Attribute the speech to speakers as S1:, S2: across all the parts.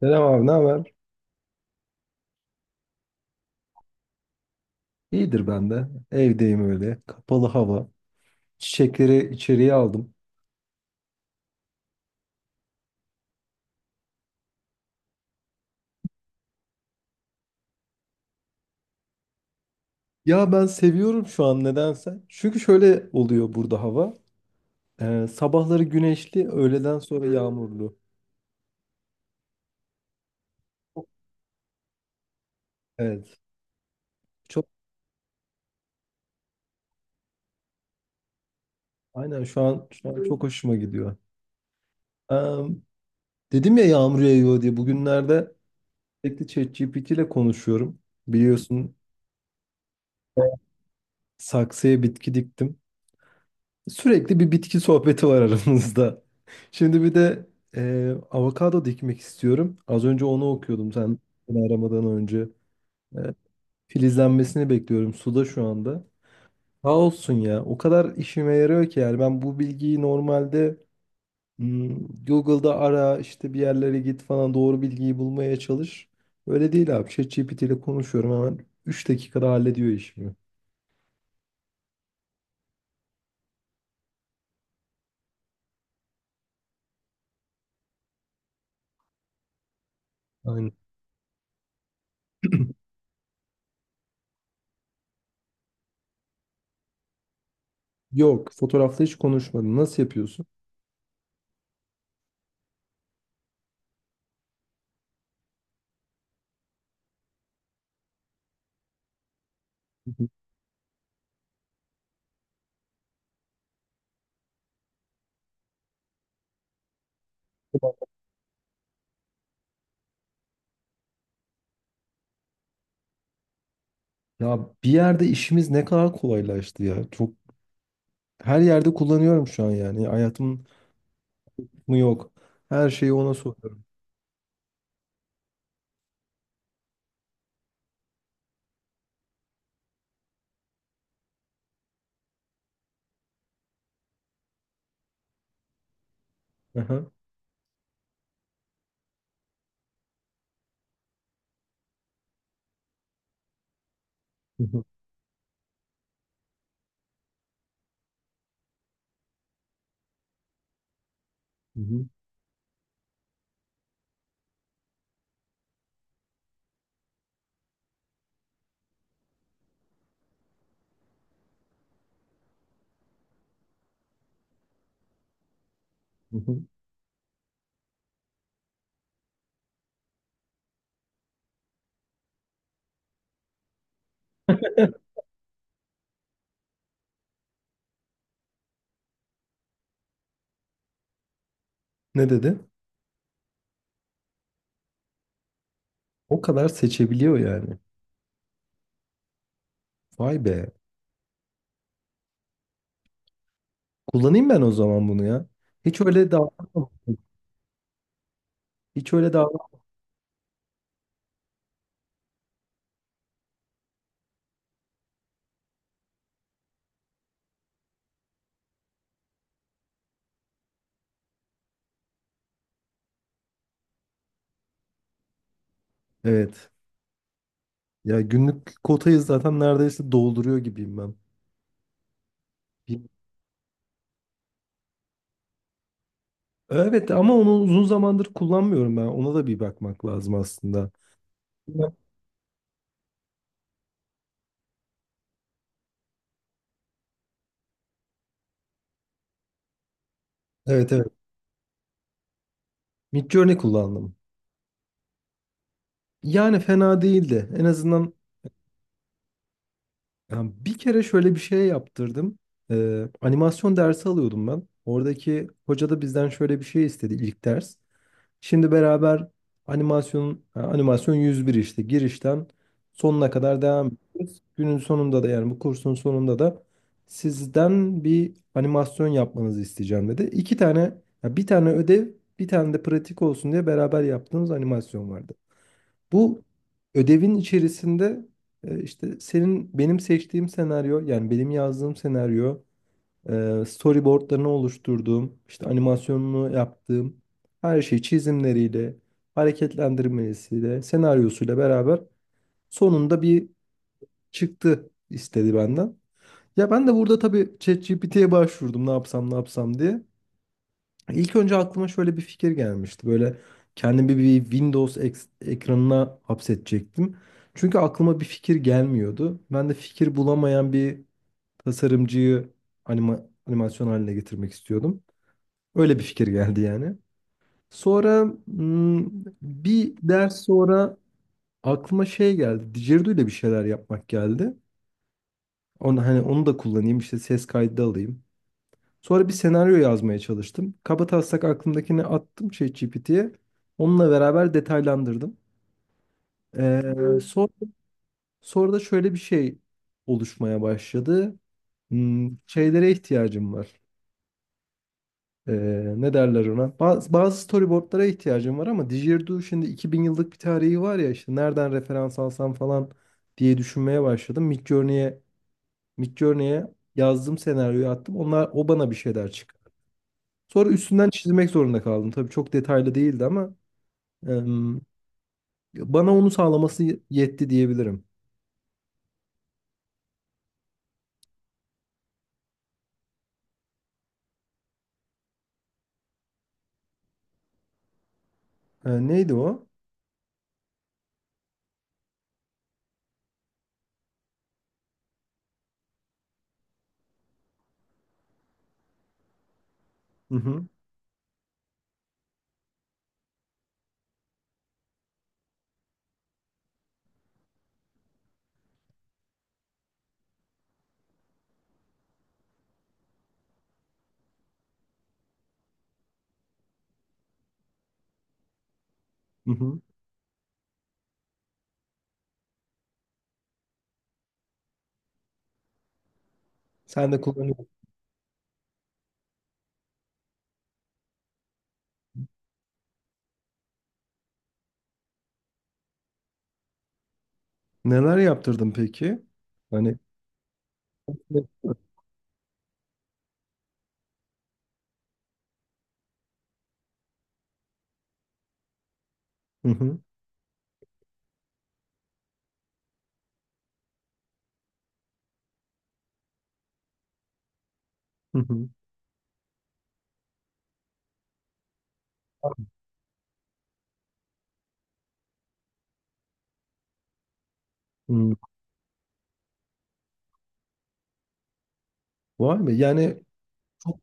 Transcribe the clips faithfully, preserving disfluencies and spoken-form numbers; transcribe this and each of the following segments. S1: Selam abi, ne haber? İyidir ben de. Evdeyim öyle. Kapalı hava. Çiçekleri içeriye aldım. Ya ben seviyorum şu an nedense. Çünkü şöyle oluyor burada hava. Ee, sabahları güneşli, öğleden sonra yağmurlu. Evet. Çok aynen şu an şu an çok hoşuma gidiyor. Ee, Dedim ya yağmur yağıyor diye. Bugünlerde sürekli ChatGPT ile konuşuyorum. Biliyorsun saksıya bitki diktim. Sürekli bir bitki sohbeti var aramızda. Şimdi bir de e, avokado dikmek istiyorum. Az önce onu okuyordum sen beni aramadan önce. E, Filizlenmesini bekliyorum. Suda şu anda. Sağ olsun ya. O kadar işime yarıyor ki yani ben bu bilgiyi normalde hmm, Google'da ara işte bir yerlere git falan doğru bilgiyi bulmaya çalış. Öyle değil abi. ChatGPT ile konuşuyorum, hemen üç dakikada hallediyor işimi. Aynen. Yok, fotoğrafla hiç konuşmadım. Nasıl yapıyorsun? Ya bir yerde işimiz ne kadar kolaylaştı ya. Çok her yerde kullanıyorum şu an yani. Hayatım mı yok. Her şeyi ona soruyorum. Aha. Hı hı, hı hı, hı hı. Ne dedi? O kadar seçebiliyor yani. Vay be. Kullanayım ben o zaman bunu ya. Hiç öyle davranmadım. Hiç öyle davran. Evet. Ya günlük kotayı zaten neredeyse dolduruyor gibiyim ben. Bir- Evet ama onu uzun zamandır kullanmıyorum ben. Ona da bir bakmak lazım aslında. Evet, evet. Midjourney kullandım. Yani fena değildi. En azından yani bir kere şöyle bir şey yaptırdım. Ee, animasyon dersi alıyordum ben. Oradaki hoca da bizden şöyle bir şey istedi ilk ders. Şimdi beraber animasyonun ha, animasyon yüz bir işte girişten sonuna kadar devam ediyoruz. Günün sonunda da yani bu kursun sonunda da sizden bir animasyon yapmanızı isteyeceğim dedi. İki tane ya bir tane ödev, bir tane de pratik olsun diye beraber yaptığımız animasyon vardı. Bu ödevin içerisinde e, işte senin benim seçtiğim senaryo yani benim yazdığım senaryo, e, storyboardlarını oluşturduğum işte animasyonunu yaptığım her şey çizimleriyle, hareketlendirmesiyle, senaryosuyla beraber sonunda bir çıktı istedi benden. Ya ben de burada tabii ChatGPT'ye ye başvurdum ne yapsam ne yapsam diye. İlk önce aklıma şöyle bir fikir gelmişti. Böyle kendimi bir Windows eks- ekranına hapsedecektim. Çünkü aklıma bir fikir gelmiyordu. Ben de fikir bulamayan bir tasarımcıyı anima- animasyon haline getirmek istiyordum. Öyle bir fikir geldi yani. Sonra hmm, bir ders sonra aklıma şey geldi. Didgeridoo ile bir şeyler yapmak geldi. Onu, hani onu da kullanayım işte ses kaydı alayım. Sonra bir senaryo yazmaya çalıştım. Kabataslak aklımdakini attım ChatGPT'ye. Onunla beraber detaylandırdım. Ee, sonra, sonra da şöyle bir şey oluşmaya başladı. Hmm, şeylere ihtiyacım var. Ee, ne derler ona? Bazı, bazı storyboardlara ihtiyacım var ama Didgeridoo şimdi iki bin yıllık bir tarihi var ya işte nereden referans alsam falan diye düşünmeye başladım. Midjourney'e Midjourney'e yazdım, senaryoyu attım. Onlar o bana bir şeyler. Sonra üstünden çizmek zorunda kaldım. Tabii çok detaylı değildi ama em, bana onu sağlaması yetti diyebilirim. E, neydi o? Hı hı, hı hı. Sen de kullanıyorsun. Neler yaptırdın peki? Hani hı hı, hı hı. Hı. Vay be yani çok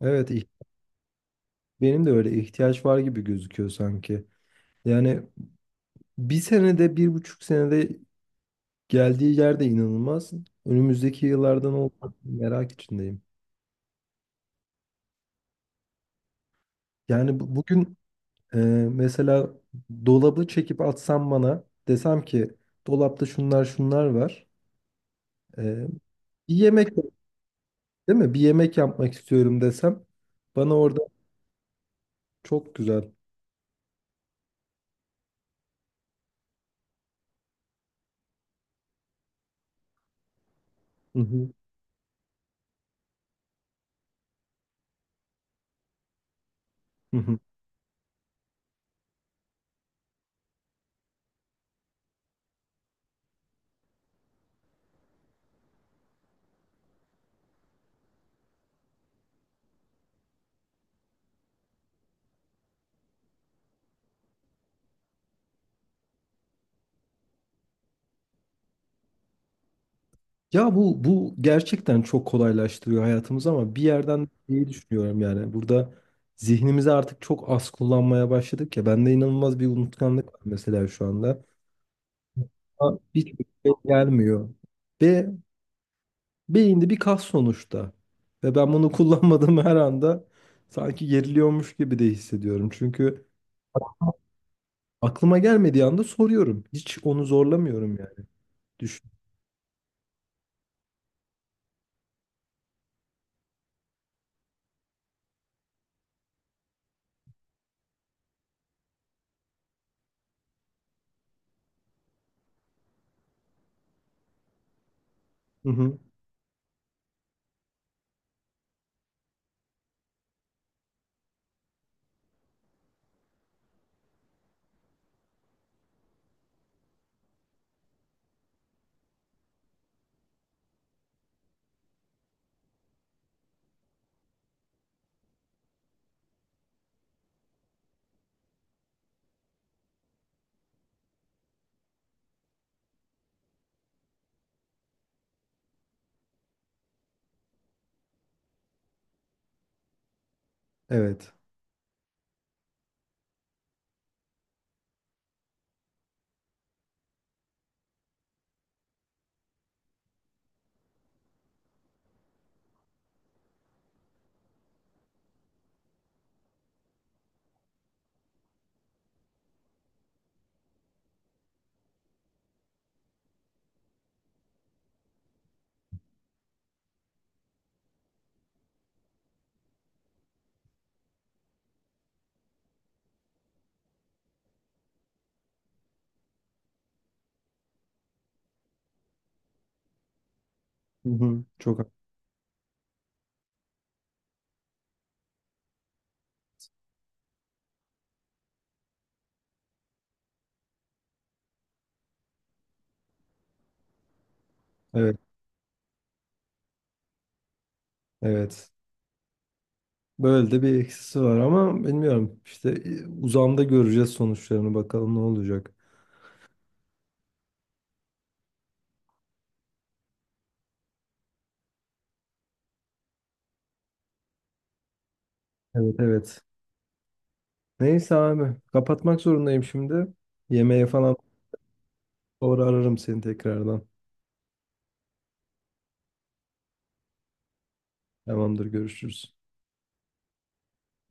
S1: evet ih- benim de öyle ihtiyaç var gibi gözüküyor sanki. Yani bir senede, bir buçuk senede geldiği yer de inanılmaz. Önümüzdeki yıllardan olmak merak içindeyim. Yani bu- bugün, Ee, mesela, dolabı çekip atsam, bana desem ki dolapta şunlar şunlar var. Ee, bir yemek, değil mi? Bir yemek yapmak istiyorum desem bana orada çok güzel. Hı hı, hı hı. Ya bu bu gerçekten çok kolaylaştırıyor hayatımızı ama bir yerden iyi düşünüyorum yani. Burada zihnimizi artık çok az kullanmaya başladık ya. Bende inanılmaz bir unutkanlık var mesela şu anda. Ama hiç şey gelmiyor. Ve beyinde bir kas sonuçta. Ve ben bunu kullanmadığım her anda sanki geriliyormuş gibi de hissediyorum. Çünkü aklıma gelmediği anda soruyorum. Hiç onu zorlamıyorum yani. Düşün. Hı hı. Evet. Hı hı. Çok ha- evet. Evet. Böyle de bir eksisi var ama bilmiyorum. İşte e, uzamda göreceğiz sonuçlarını, bakalım ne olacak. Evet, evet. Neyse abi, kapatmak zorundayım şimdi. Yemeğe falan, sonra ararım seni tekrardan. Tamamdır, görüşürüz.